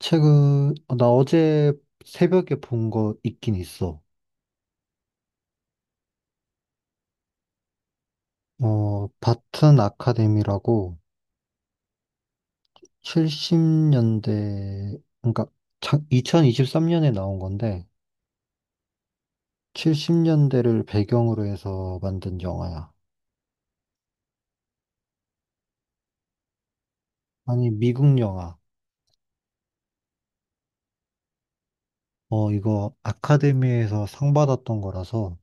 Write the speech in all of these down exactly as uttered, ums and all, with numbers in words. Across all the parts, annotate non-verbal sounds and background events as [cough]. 책은 어, 나 어제 새벽에 본 거 있긴 있어. 어, 바튼 아카데미라고 칠십 년대, 그러니까 이천이십삼 년에 나온 건데 칠십 년대를 배경으로 해서 만든 영화야. 아니, 미국 영화. 어, 이거 아카데미에서 상 받았던 거라서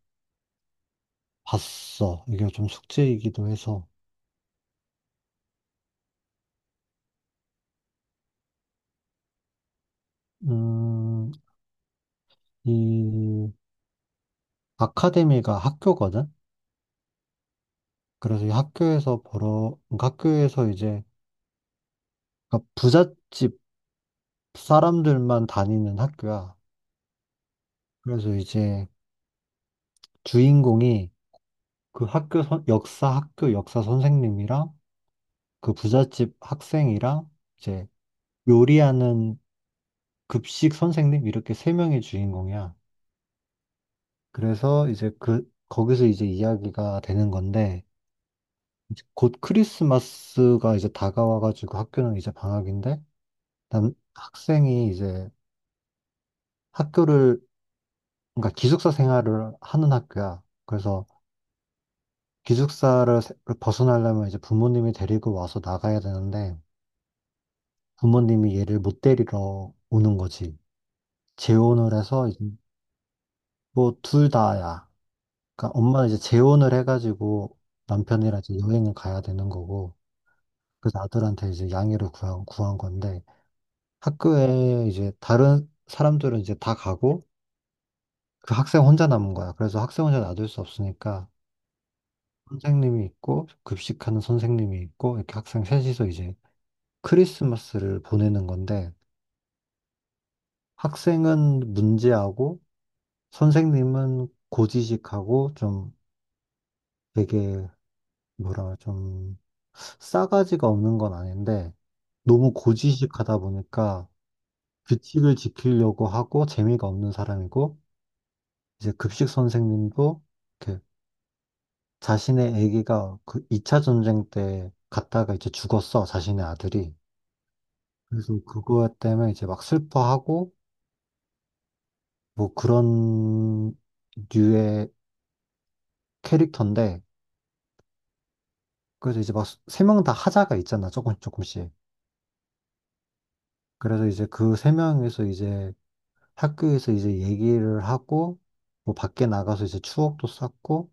봤어. 이게 좀 숙제이기도 해서. 음, 이 아카데미가 학교거든? 그래서 이 학교에서 벌어, 학교에서 이제 그러니까 부잣집 사람들만 다니는 학교야. 그래서 이제 주인공이 그 학교 선, 역사 학교 역사 선생님이랑 그 부잣집 학생이랑 이제 요리하는 급식 선생님 이렇게 세 명의 주인공이야. 그래서 이제 그 거기서 이제 이야기가 되는 건데 이제 곧 크리스마스가 이제 다가와가지고 학교는 이제 방학인데 남 학생이 이제 학교를 그러니까 기숙사 생활을 하는 학교야. 그래서 기숙사를 세- 벗어나려면 이제 부모님이 데리고 와서 나가야 되는데 부모님이 얘를 못 데리러 오는 거지. 재혼을 해서 뭐 둘 다야. 그러니까 엄마는 이제 재혼을 해가지고 남편이랑 이제 여행을 가야 되는 거고 그래서 아들한테 이제 양해를 구한, 구한 건데 학교에 이제 다른 사람들은 이제 다 가고 그 학생 혼자 남은 거야. 그래서 학생 혼자 놔둘 수 없으니까 선생님이 있고 급식하는 선생님이 있고 이렇게 학생 셋이서 이제 크리스마스를 보내는 건데 학생은 문제하고 선생님은 고지식하고 좀 되게 뭐라 그래, 좀 싸가지가 없는 건 아닌데 너무 고지식하다 보니까 규칙을 지키려고 하고 재미가 없는 사람이고 이제 급식 선생님도 이렇게 자신의 아기가 그 이 차 전쟁 때 갔다가 이제 죽었어 자신의 아들이. 그래서 그거 때문에 이제 막 슬퍼하고 뭐 그런 류의 캐릭터인데. 그래서 이제 막 세 명 다 하자가 있잖아 조금 조금씩. 그래서 이제 그 세 명에서 이제 학교에서 이제 얘기를 하고 뭐 밖에 나가서 이제 추억도 쌓고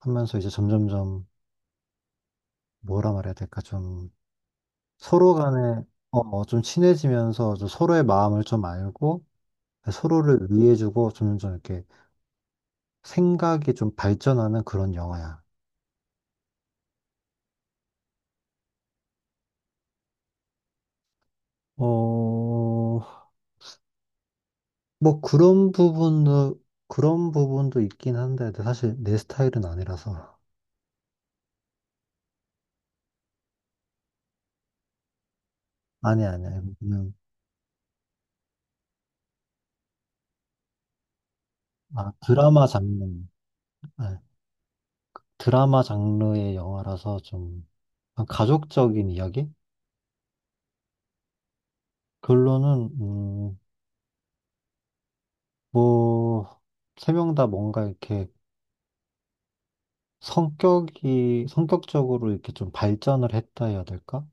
하면서 이제 점점점 뭐라 말해야 될까 좀 서로 간에 어 어, 좀 친해지면서 좀 서로의 마음을 좀 알고 서로를 위해주고 점점 이렇게 생각이 좀 발전하는 그런 영화야. 어, 뭐 그런 부분도 그런 부분도 있긴 한데 근데 사실 내 스타일은 아니라서. 아니 아니 아니 그냥. 아, 드라마 장르. 네, 드라마 장르의 영화라서 좀 가족적인 이야기. 그걸로는 음, 뭐세 명 다 뭔가 이렇게 성격이 성격적으로 이렇게 좀 발전을 했다 해야 될까?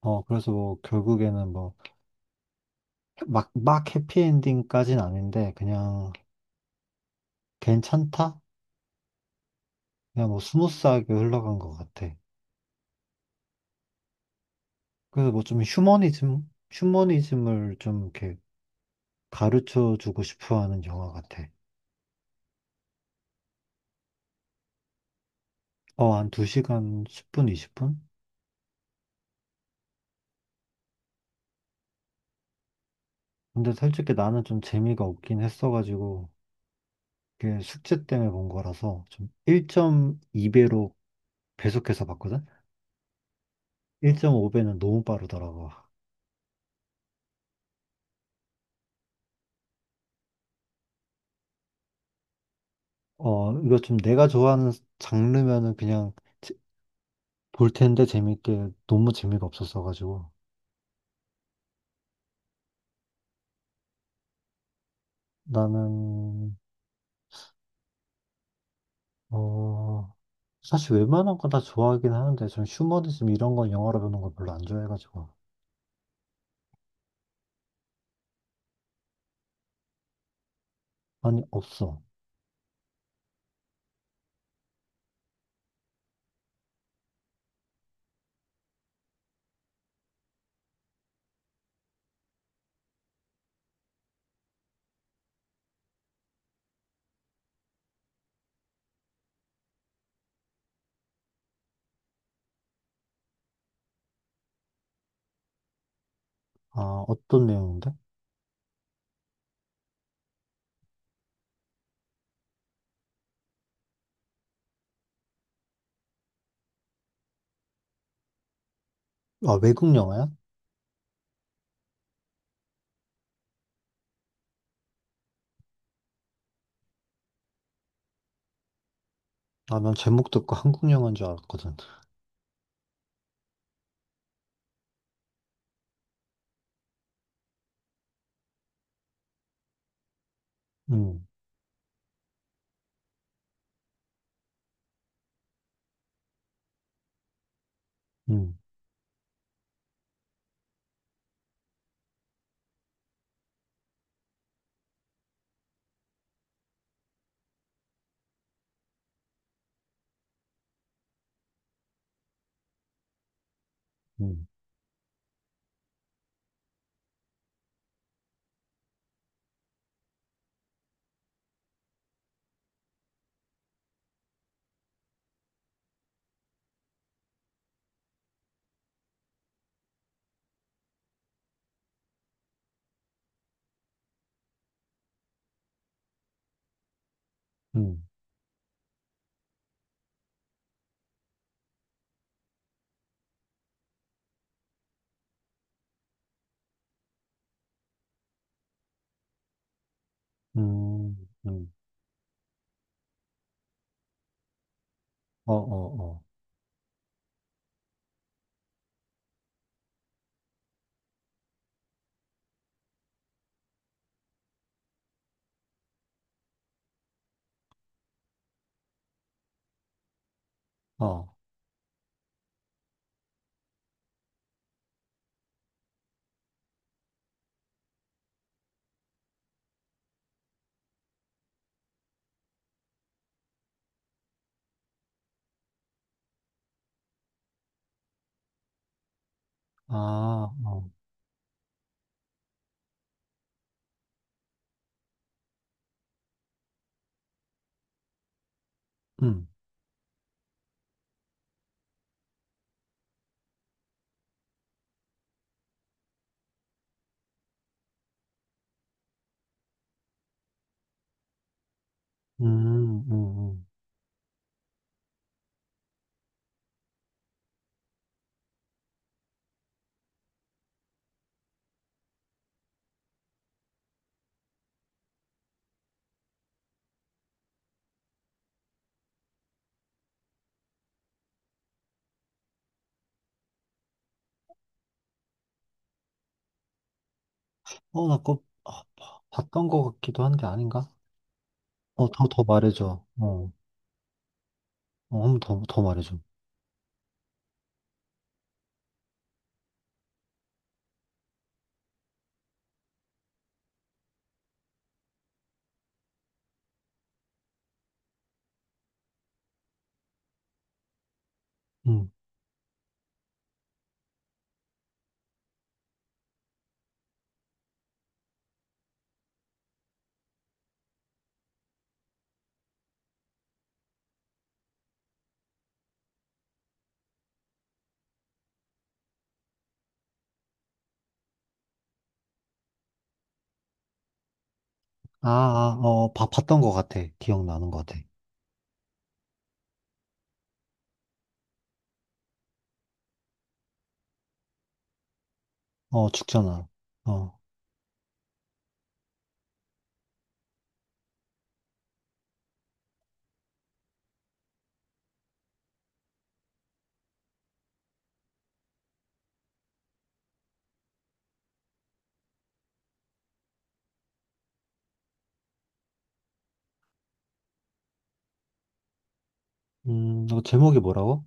어, 그래서 뭐 결국에는 뭐 막 막 해피엔딩까지는 아닌데 그냥 괜찮다? 그냥 뭐 스무스하게 흘러간 것 같아. 그래서 뭐 좀 휴머니즘, 휴머니즘을 좀 이렇게 가르쳐 주고 싶어 하는 영화 같아. 어, 한 두 시간 십 분, 이십 분? 근데 솔직히 나는 좀 재미가 없긴 했어가지고, 그게 숙제 때문에 본 거라서 좀 일 점 이 배로 배속해서 봤거든? 일 점 오 배는 너무 빠르더라고. 어, 이거 좀 내가 좋아하는 장르면은 그냥 제- 볼 텐데 재밌게 너무 재미가 없었어가지고. 나는 어, 사실 웬만한 거 다 좋아하긴 하는데, 전 휴머니즘 이런 건 영화로 보는 걸 별로 안 좋아해가지고. 아니, 없어. 아, 어떤 내용인데? 아, 외국 영화야? 아, 난 제목 듣고 [laughs] 한국 영화인 줄 알았거든. 음, 음, 음, 음, 음, 음. 어, 어, 어, 어. 아, 어. 음, 음, 음, 음. 어, 나 그거 아, 봐- 봤던 것 같기도 한데 아닌가? 어, 더, 더 말해줘. 어, 어, 한번더 더 말해줘. 음. 아, 아, 어, 봐, 봤던 것 같아. 기억나는 것 같아. 어, 죽잖아. 어, 음, 너 제목이 뭐라고?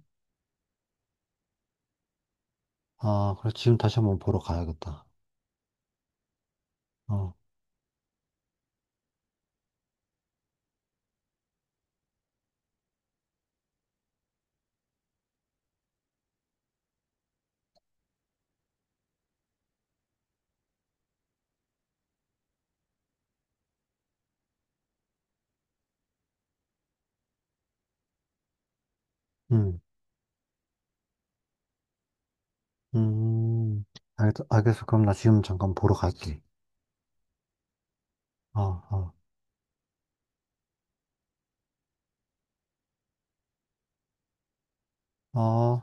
아, 그래, 지금 다시 한번 보러 가야겠다. 어, 음, 음, 알겠, 알겠어. 그럼 나 지금 잠깐 보러 갈게. 어, 어, 어.